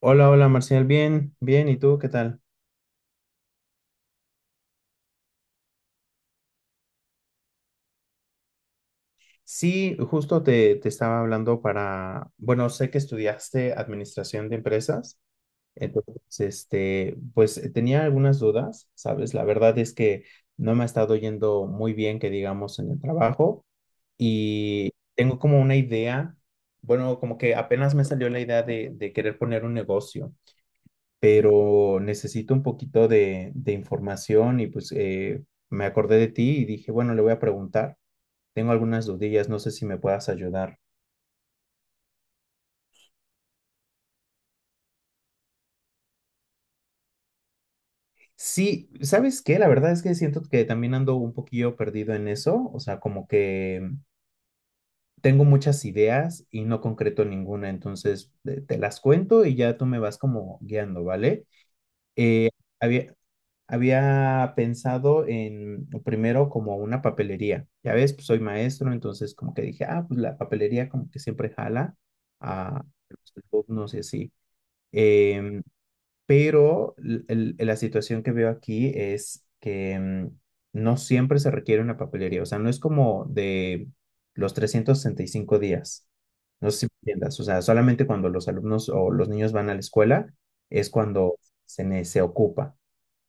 Hola, hola Marcial, bien, bien, ¿y tú qué tal? Sí, justo te estaba hablando para, bueno, sé que estudiaste administración de empresas, entonces, tenía algunas dudas, ¿sabes? La verdad es que no me ha estado yendo muy bien, que digamos, en el trabajo y tengo como una idea, bueno, como que apenas me salió la idea de querer poner un negocio. Pero necesito un poquito de información y pues me acordé de ti y dije, bueno, le voy a preguntar. Tengo algunas dudillas, no sé si me puedas ayudar. Sí, ¿sabes qué? La verdad es que siento que también ando un poquillo perdido en eso, o sea, como que tengo muchas ideas y no concreto ninguna, entonces las cuento y ya tú me vas como guiando, ¿vale? Eh, había- Había pensado en primero como una papelería. Ya ves, pues soy maestro, entonces como que dije, ah, pues la papelería como que siempre jala a los alumnos y así. Em, pero la situación que veo aquí es que no siempre se requiere una papelería. O sea, no es como de los 365 días. No sé si me entiendas. O sea, solamente cuando los alumnos o los niños van a la escuela es cuando se ocupa.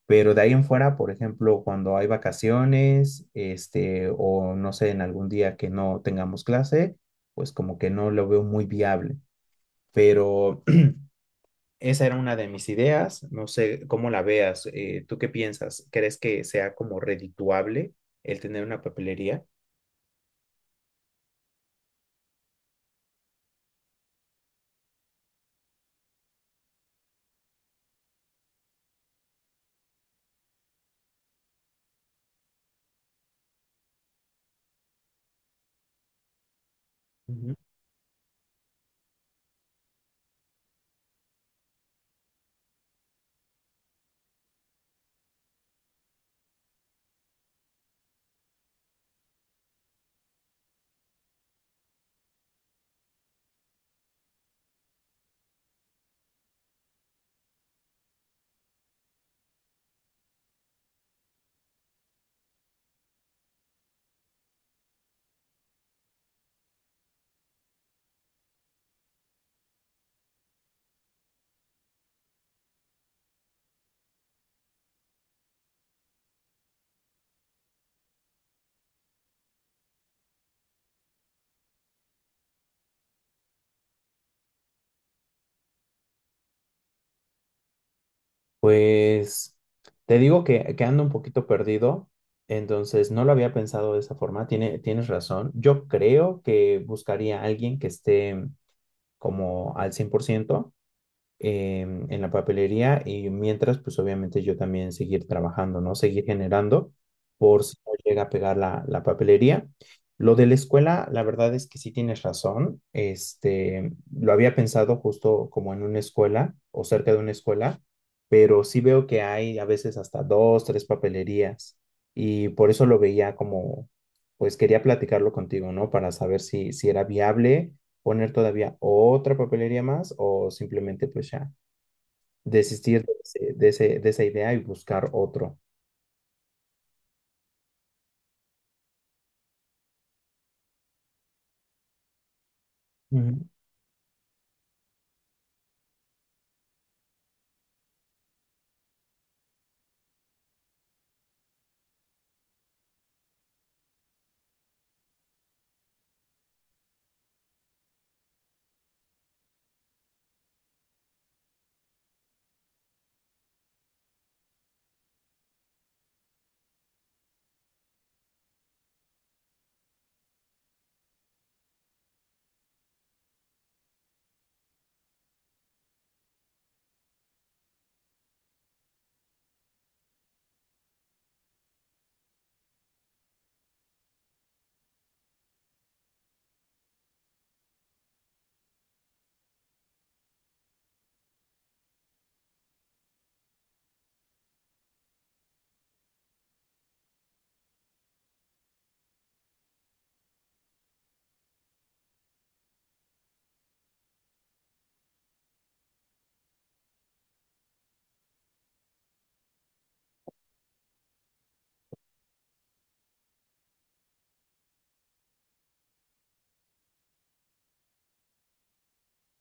Pero de ahí en fuera, por ejemplo, cuando hay vacaciones, este, o no sé, en algún día que no tengamos clase, pues como que no lo veo muy viable. Pero esa era una de mis ideas. No sé cómo la veas. ¿Tú qué piensas? ¿Crees que sea como redituable el tener una papelería? Ujú. Pues te digo que ando un poquito perdido, entonces no lo había pensado de esa forma, tienes razón. Yo creo que buscaría a alguien que esté como al 100%. En la papelería y mientras, pues obviamente yo también seguir trabajando, ¿no? Seguir generando por si no llega a pegar la papelería. Lo de la escuela, la verdad es que sí tienes razón. Este, lo había pensado justo como en una escuela o cerca de una escuela, pero sí veo que hay a veces hasta dos, tres papelerías y por eso lo veía como, pues quería platicarlo contigo, ¿no? Para saber si era viable poner todavía otra papelería más o simplemente pues ya desistir de esa idea y buscar otro. Ujú.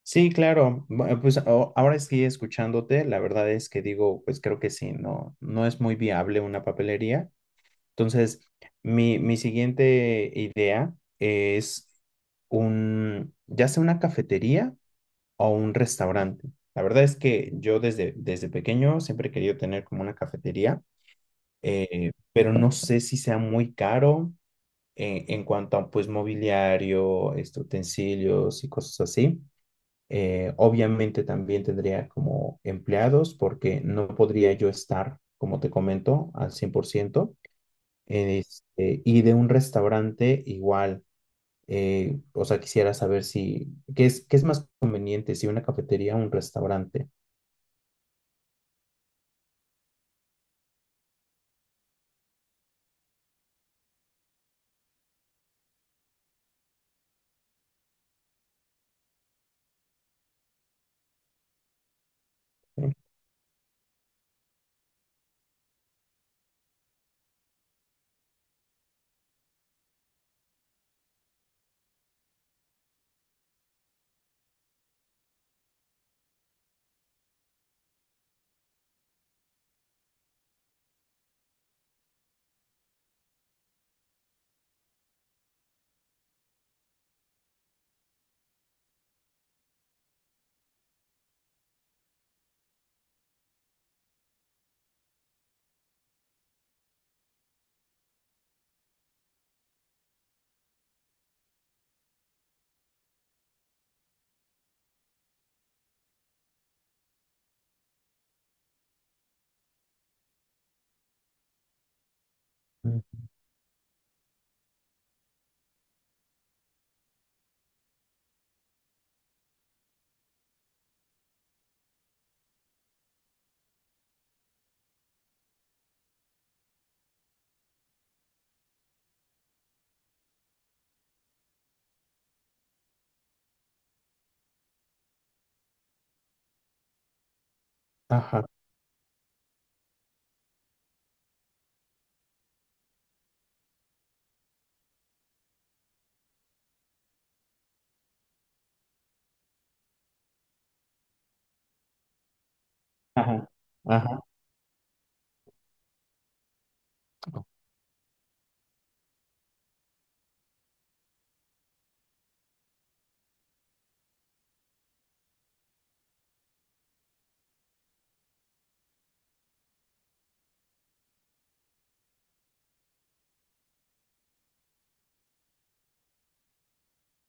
Sí, claro. Bueno, ahora estoy escuchándote, la verdad es que digo, pues creo que sí, no, no es muy viable una papelería. Entonces, mi siguiente idea es un, ya sea una cafetería o un restaurante. La verdad es que yo desde pequeño siempre he querido tener como una cafetería. Pero no sé si sea muy caro en cuanto a pues mobiliario, este, utensilios y cosas así. Obviamente también tendría como empleados porque no podría yo estar, como te comento, al 100%. Este, y de un restaurante igual, o sea, quisiera saber si, qué es más conveniente, si una cafetería o un restaurante? ¿Sí? Ajá, ajá, ajá.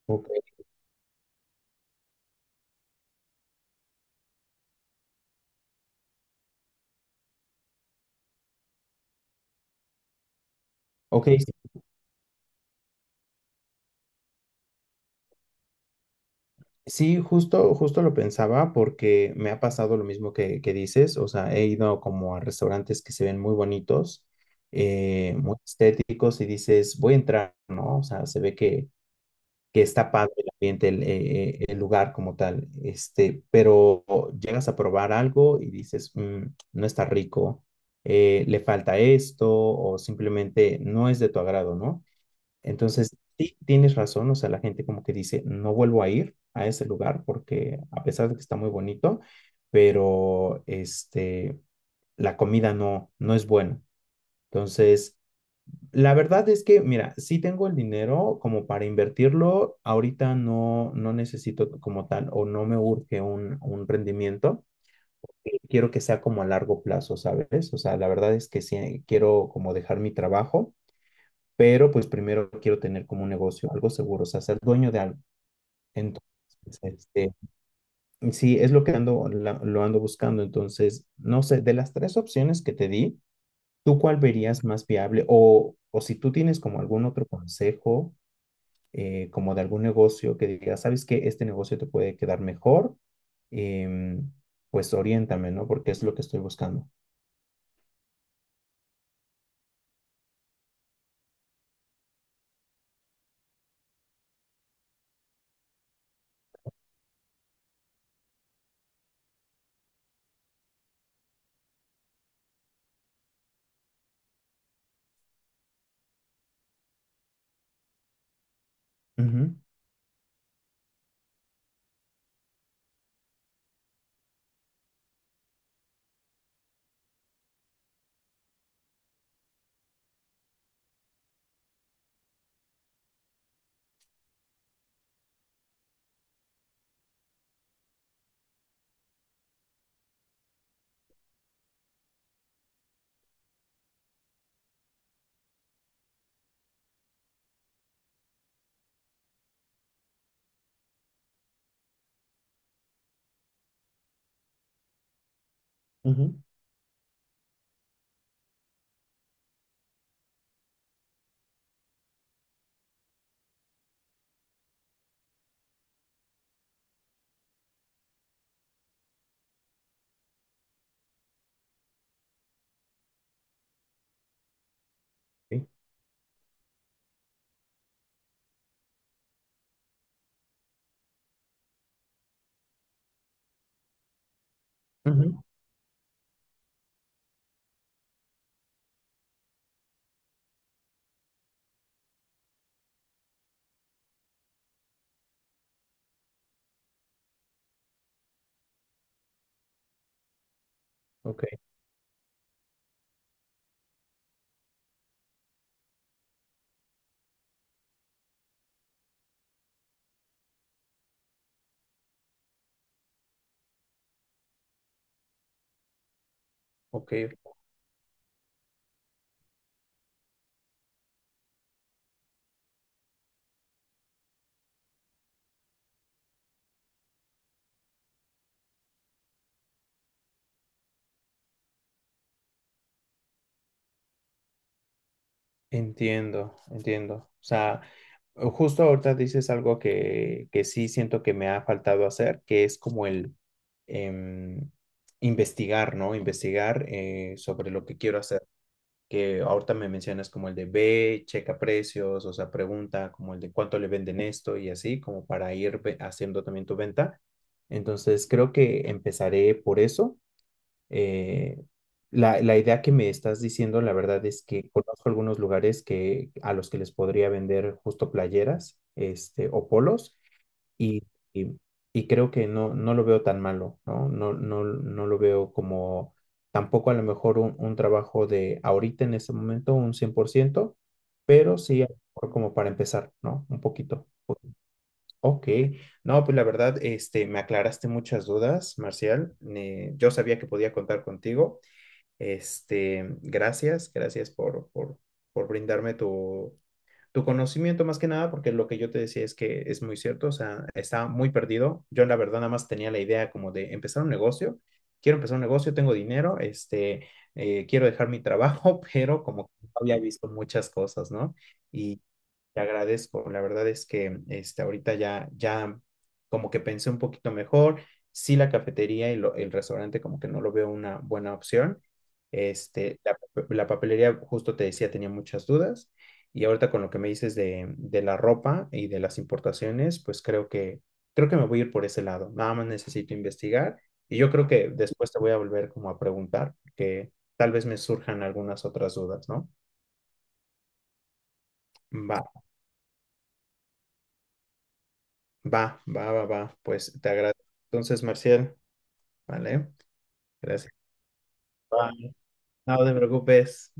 Ok, ok, sí, justo, justo lo pensaba porque me ha pasado lo mismo que dices, o sea, he ido como a restaurantes que se ven muy bonitos, muy estéticos y dices, voy a entrar, ¿no? O sea, se ve que está padre el ambiente, el lugar como tal, este, pero llegas a probar algo y dices, "Mm, no está rico, le falta esto o simplemente no es de tu agrado, ¿no? Entonces, sí, tienes razón, o sea, la gente como que dice, no vuelvo a ir a ese lugar porque a pesar de que está muy bonito, pero este, la comida no, no es buena. Entonces, la verdad es que, mira, sí tengo el dinero como para invertirlo, ahorita no, no necesito como tal o no me urge un rendimiento, quiero que sea como a largo plazo, ¿sabes? O sea, la verdad es que sí, quiero como dejar mi trabajo pero pues primero quiero tener como un negocio, algo seguro, o sea, ser dueño de algo. Entonces, este, sí, es lo que ando, lo ando buscando. Entonces, no sé, de las tres opciones que te di, ¿tú cuál verías más viable? O si tú tienes como algún otro consejo, como de algún negocio que digas, ¿sabes qué? Este negocio te puede quedar mejor, em, pues oriéntame, ¿no? Porque es lo que estoy buscando. Ujú, ujú, sí, ujú, ok, ok, entiendo, entiendo. O sea, justo ahorita dices algo que sí siento que me ha faltado hacer, que es como el em, investigar, ¿no? Investigar sobre lo que quiero hacer. Que ahorita me mencionas como el de ve, checa precios, o sea, pregunta como el de cuánto le venden esto y así, como para ir haciendo también tu venta. Entonces, creo que empezaré por eso. Eh, la idea que me estás diciendo, la verdad es que conozco algunos lugares a los que les podría vender justo playeras, este, o polos, y, y, y creo que no, no lo veo tan malo, ¿no? No, no, no lo veo como tampoco a lo mejor un trabajo de ahorita en este momento un 100% pero sí a lo mejor como para empezar, ¿no? Un poquito. Ok, no, pues la verdad, este, me aclaraste muchas dudas, Marcial. Yo sabía que podía contar contigo. Este, gracias por brindarme tu, tu conocimiento más que nada, porque lo que yo te decía es que es muy cierto, o sea, estaba muy perdido. Yo la verdad nada más tenía la idea como de empezar un negocio, quiero empezar un negocio, tengo dinero, quiero dejar mi trabajo, pero como que no había visto muchas cosas, ¿no? Y te agradezco. La verdad es que este, ahorita ya como que pensé un poquito mejor. Sí, la cafetería y el restaurante como que no lo veo una buena opción. Este, la papelería, justo te decía, tenía muchas dudas. Y ahorita con lo que me dices de la ropa y de las importaciones, pues creo que me voy a ir por ese lado. Nada más necesito investigar. Y yo creo que después te voy a volver como a preguntar, que tal vez me surjan algunas otras dudas, ¿no? Va. Va, va, va, va. Pues te agradezco. Entonces, Marcial, ¿vale? Gracias. Bye. No te preocupes.